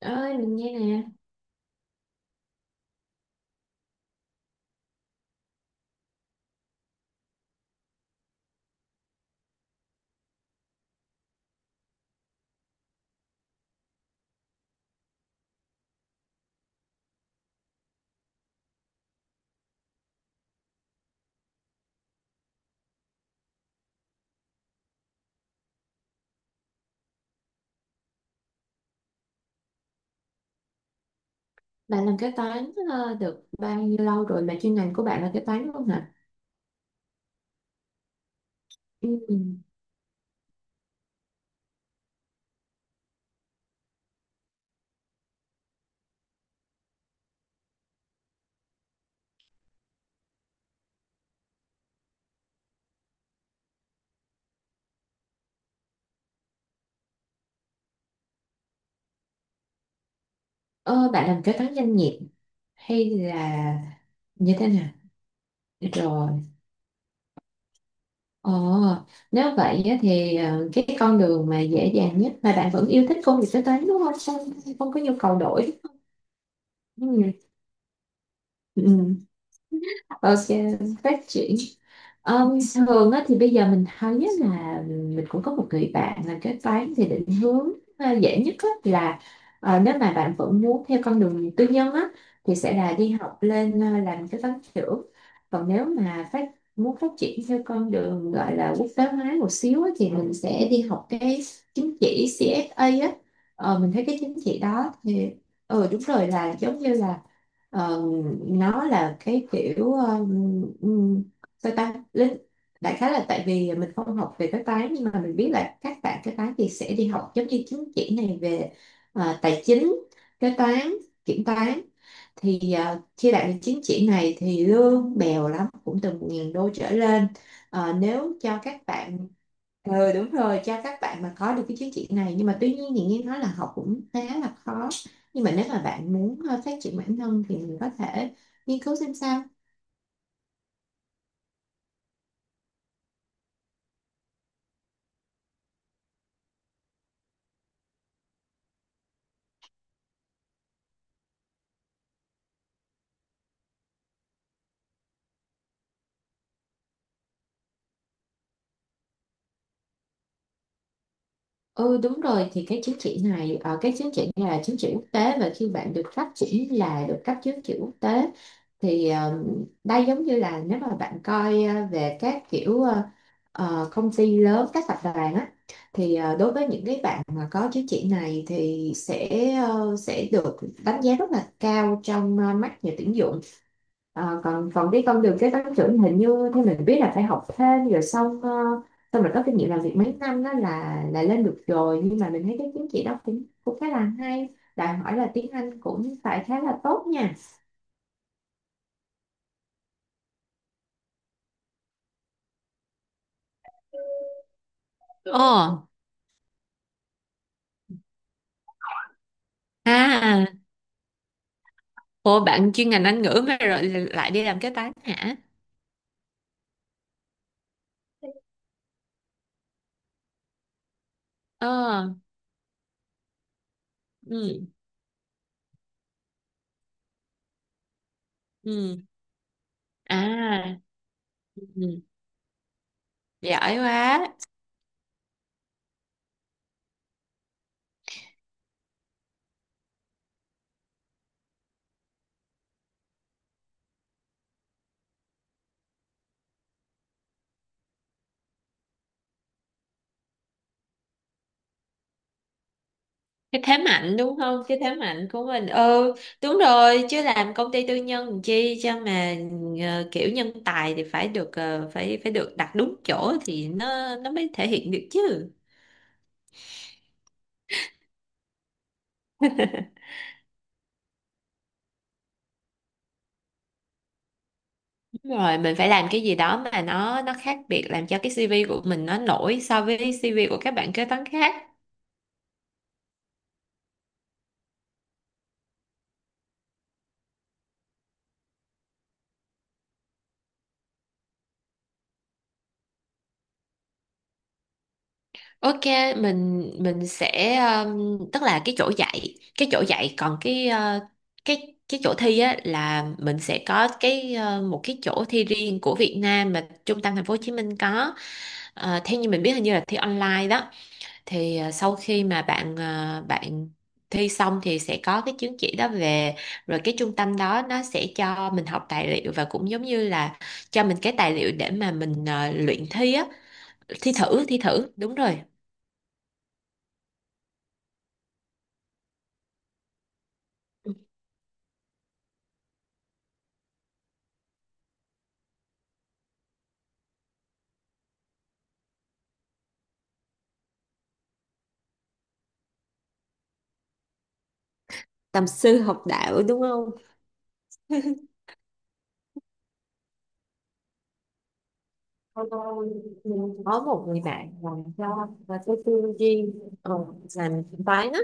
Ơi mình nghe nè. Bạn làm kế toán được bao nhiêu lâu rồi mà chuyên ngành của bạn là kế toán luôn hả? Ừ. ờ, Bạn làm kế toán doanh nghiệp hay là như thế nào rồi? ờ, Nếu vậy á thì cái con đường mà dễ dàng nhất mà bạn vẫn yêu thích công việc kế toán đúng không không, không có nhu cầu đổi đúng không? Ừ. Ừ. Ok, phát triển. Ừm, thường á, thì bây giờ mình thấy á là mình cũng có một người bạn làm kế toán thì định hướng à, dễ nhất á, là nếu mà bạn vẫn muốn theo con đường tư nhân á, thì sẽ là đi học lên à, làm kế toán trưởng. Còn nếu mà muốn phát triển theo con đường gọi là quốc tế hóa một xíu á, thì mình sẽ đi học cái chứng chỉ CFA á. Ờ, mình thấy cái chứng chỉ đó thì ừ đúng rồi, là giống như là ờ, nó là cái kiểu sao ta lính, đại khái là tại vì mình không học về cái toán nhưng mà mình biết là các bạn cái toán thì sẽ đi học giống như chứng chỉ này về à, tài chính, kế toán, kiểm toán. Thì à, khi đạt được chứng chỉ này thì lương bèo lắm cũng từ 1.000 đô trở lên. Ờ, nếu cho các bạn ừ đúng rồi, cho các bạn mà có được cái chứng chỉ này, nhưng mà tuy nhiên thì nghe nói là học cũng khá là khó. Nhưng mà nếu mà bạn muốn phát triển bản thân thì mình có thể nghiên cứu xem sao. Ừ đúng rồi, thì cái chứng chỉ này cái chứng chỉ này là chứng chỉ quốc tế, và khi bạn được phát triển là được cấp chứng chỉ quốc tế thì đây giống như là nếu mà bạn coi về các kiểu công ty lớn các tập đoàn á, thì đối với những cái bạn mà có chứng chỉ này thì sẽ sẽ được đánh giá rất là cao trong mắt nhà tuyển dụng. Ờ, còn còn cái con đường kế toán trưởng hình như theo mình biết là phải học thêm rồi xong xong rồi có kinh nghiệm làm việc mấy năm đó là lên được rồi. Nhưng mà mình thấy cái chứng chỉ đó cũng cũng khá là hay, đòi hỏi là tiếng Anh cũng phải khá là tốt nha. Ồ, à, ồ bạn chuyên ngành Anh ngữ mà rồi lại đi làm kế toán hả? Ờ, ừ, ừ, à, ừ, giỏi quá. Cái thế mạnh đúng không, cái thế mạnh của mình. Ừ đúng rồi, chứ làm công ty tư nhân làm chi, cho mà kiểu nhân tài thì phải được ờ, phải phải được đặt đúng chỗ thì nó mới thể hiện được chứ. Đúng rồi, mình phải làm cái gì đó mà nó khác biệt làm cho cái CV của mình nó nổi so với CV của các bạn kế toán khác. Ok, mình sẽ tức là cái chỗ dạy còn cái chỗ thi á là mình sẽ có cái một cái chỗ thi riêng của Việt Nam mà trung tâm thành phố Hồ Chí Minh có. Ờ, theo như mình biết hình như là thi online đó. Thì sau khi mà bạn bạn thi xong thì sẽ có cái chứng chỉ đó về, rồi cái trung tâm đó nó sẽ cho mình học tài liệu và cũng giống như là cho mình cái tài liệu để mà mình luyện thi á, thi thử, đúng rồi. Tầm sư học đạo đúng không? Lâu lâu mình có một người bạn làm cho và tôi tư duy ờ, làm toán á,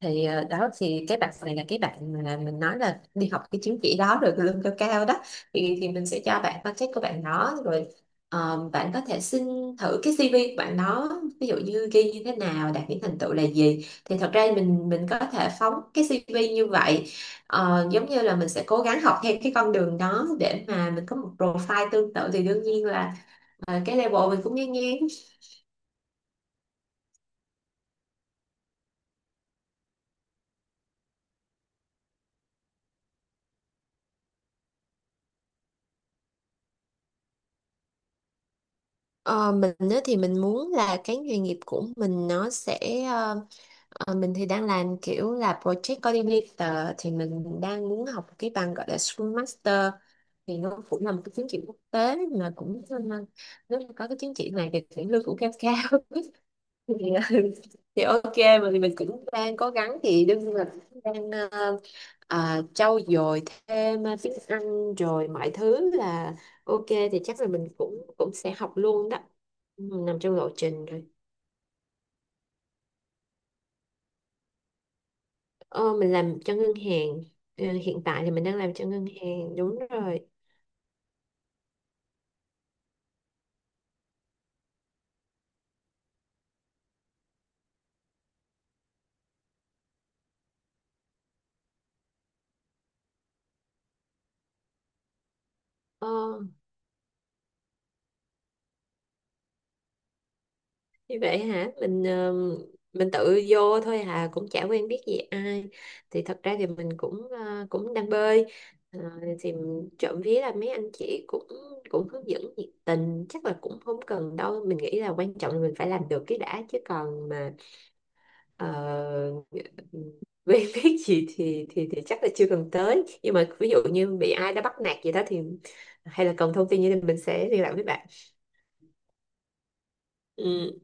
thì ờ, đó thì cái bạn này là cái bạn mà mình nói là đi học cái chứng chỉ đó rồi lương cao cao đó. Thì mình sẽ cho bạn contact của bạn đó rồi bạn có thể xin thử cái CV của bạn đó, ví dụ như ghi như thế nào đạt những thành tựu là gì, thì thật ra mình có thể phóng cái CV như vậy. Ờ, giống như là mình sẽ cố gắng học theo cái con đường đó để mà mình có một profile tương tự thì đương nhiên là cái level mình cũng ngang ngang. Ờ, mình á thì mình muốn là cái nghề nghiệp của mình nó sẽ ờ, mình thì đang làm kiểu là project coordinator, thì mình đang muốn học cái bằng gọi là Scrum Master, thì nó cũng là một cái chứng chỉ quốc tế mà cũng nên- nếu mà có cái chứng chỉ này thì sẽ lương cũng cao cao thì, thì ok. Mà thì mình cũng đang cố gắng thì đương nhiên là cũng đang trau dồi thêm tiếng Anh rồi mọi thứ là ok, thì chắc là mình cũng cũng sẽ học luôn đó. Ừ, nằm trong lộ trình rồi. Ờ, mình làm cho ngân hàng. Ờ, hiện tại thì mình đang làm cho ngân hàng đúng rồi. Ờ. Như vậy hả, mình mình tự vô thôi hà, cũng chả quen biết gì ai. Thì thật ra thì mình cũng cũng đang bơi. Ờ, thì trộm vía là mấy anh chị cũng cũng hướng dẫn nhiệt tình, chắc là cũng không cần đâu. Mình nghĩ là quan trọng là mình phải làm được cái đã, chứ còn mà uh, quen biết gì thì chắc là chưa cần tới. Nhưng mà ví dụ như bị ai đã bắt nạt gì đó thì hay là cần thông tin như thế mình sẽ liên lạc với bạn. Ừ.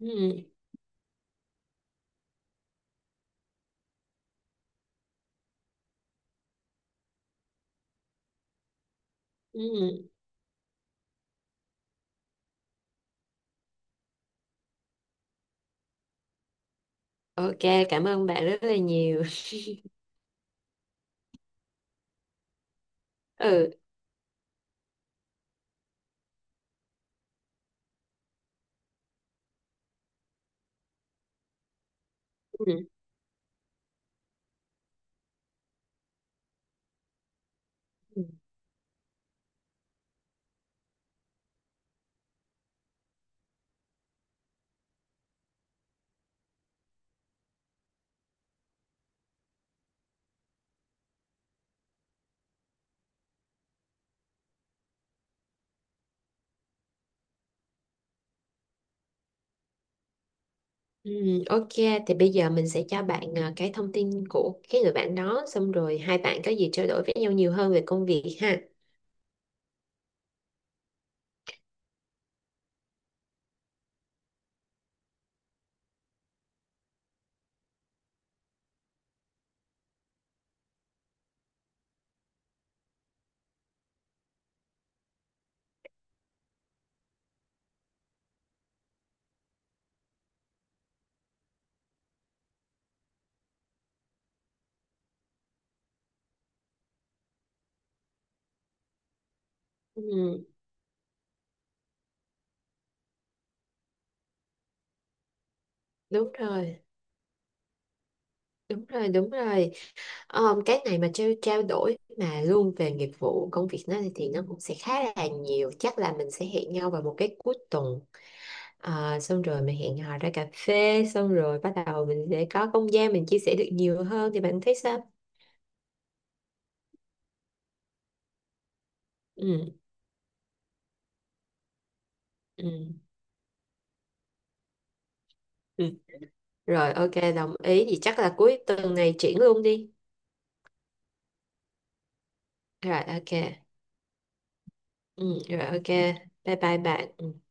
Ừ. Ừ. Ok, cảm ơn bạn rất là nhiều. Ừ. Ừ. Ừ, ok, thì bây giờ mình sẽ cho bạn à, cái thông tin của cái người bạn đó, xong rồi hai bạn có gì trao đổi với nhau nhiều hơn về công việc ha. Ừ, đúng rồi, đúng rồi. Ờ, cái này mà trao trao đổi mà luôn về nghiệp vụ công việc nó thì nó cũng sẽ khá là nhiều. Chắc là mình sẽ hẹn nhau vào một cái cuối tuần. Ờ, xong rồi mình hẹn hò ra cà phê, xong rồi bắt đầu mình sẽ có không gian mình chia sẻ được nhiều hơn, thì bạn thấy sao? Ừ. Ừ. Ừ. Rồi ok, đồng ý thì chắc là cuối tuần này triển luôn đi. Rồi ok. Ừ. Rồi ok. Bye bye bạn.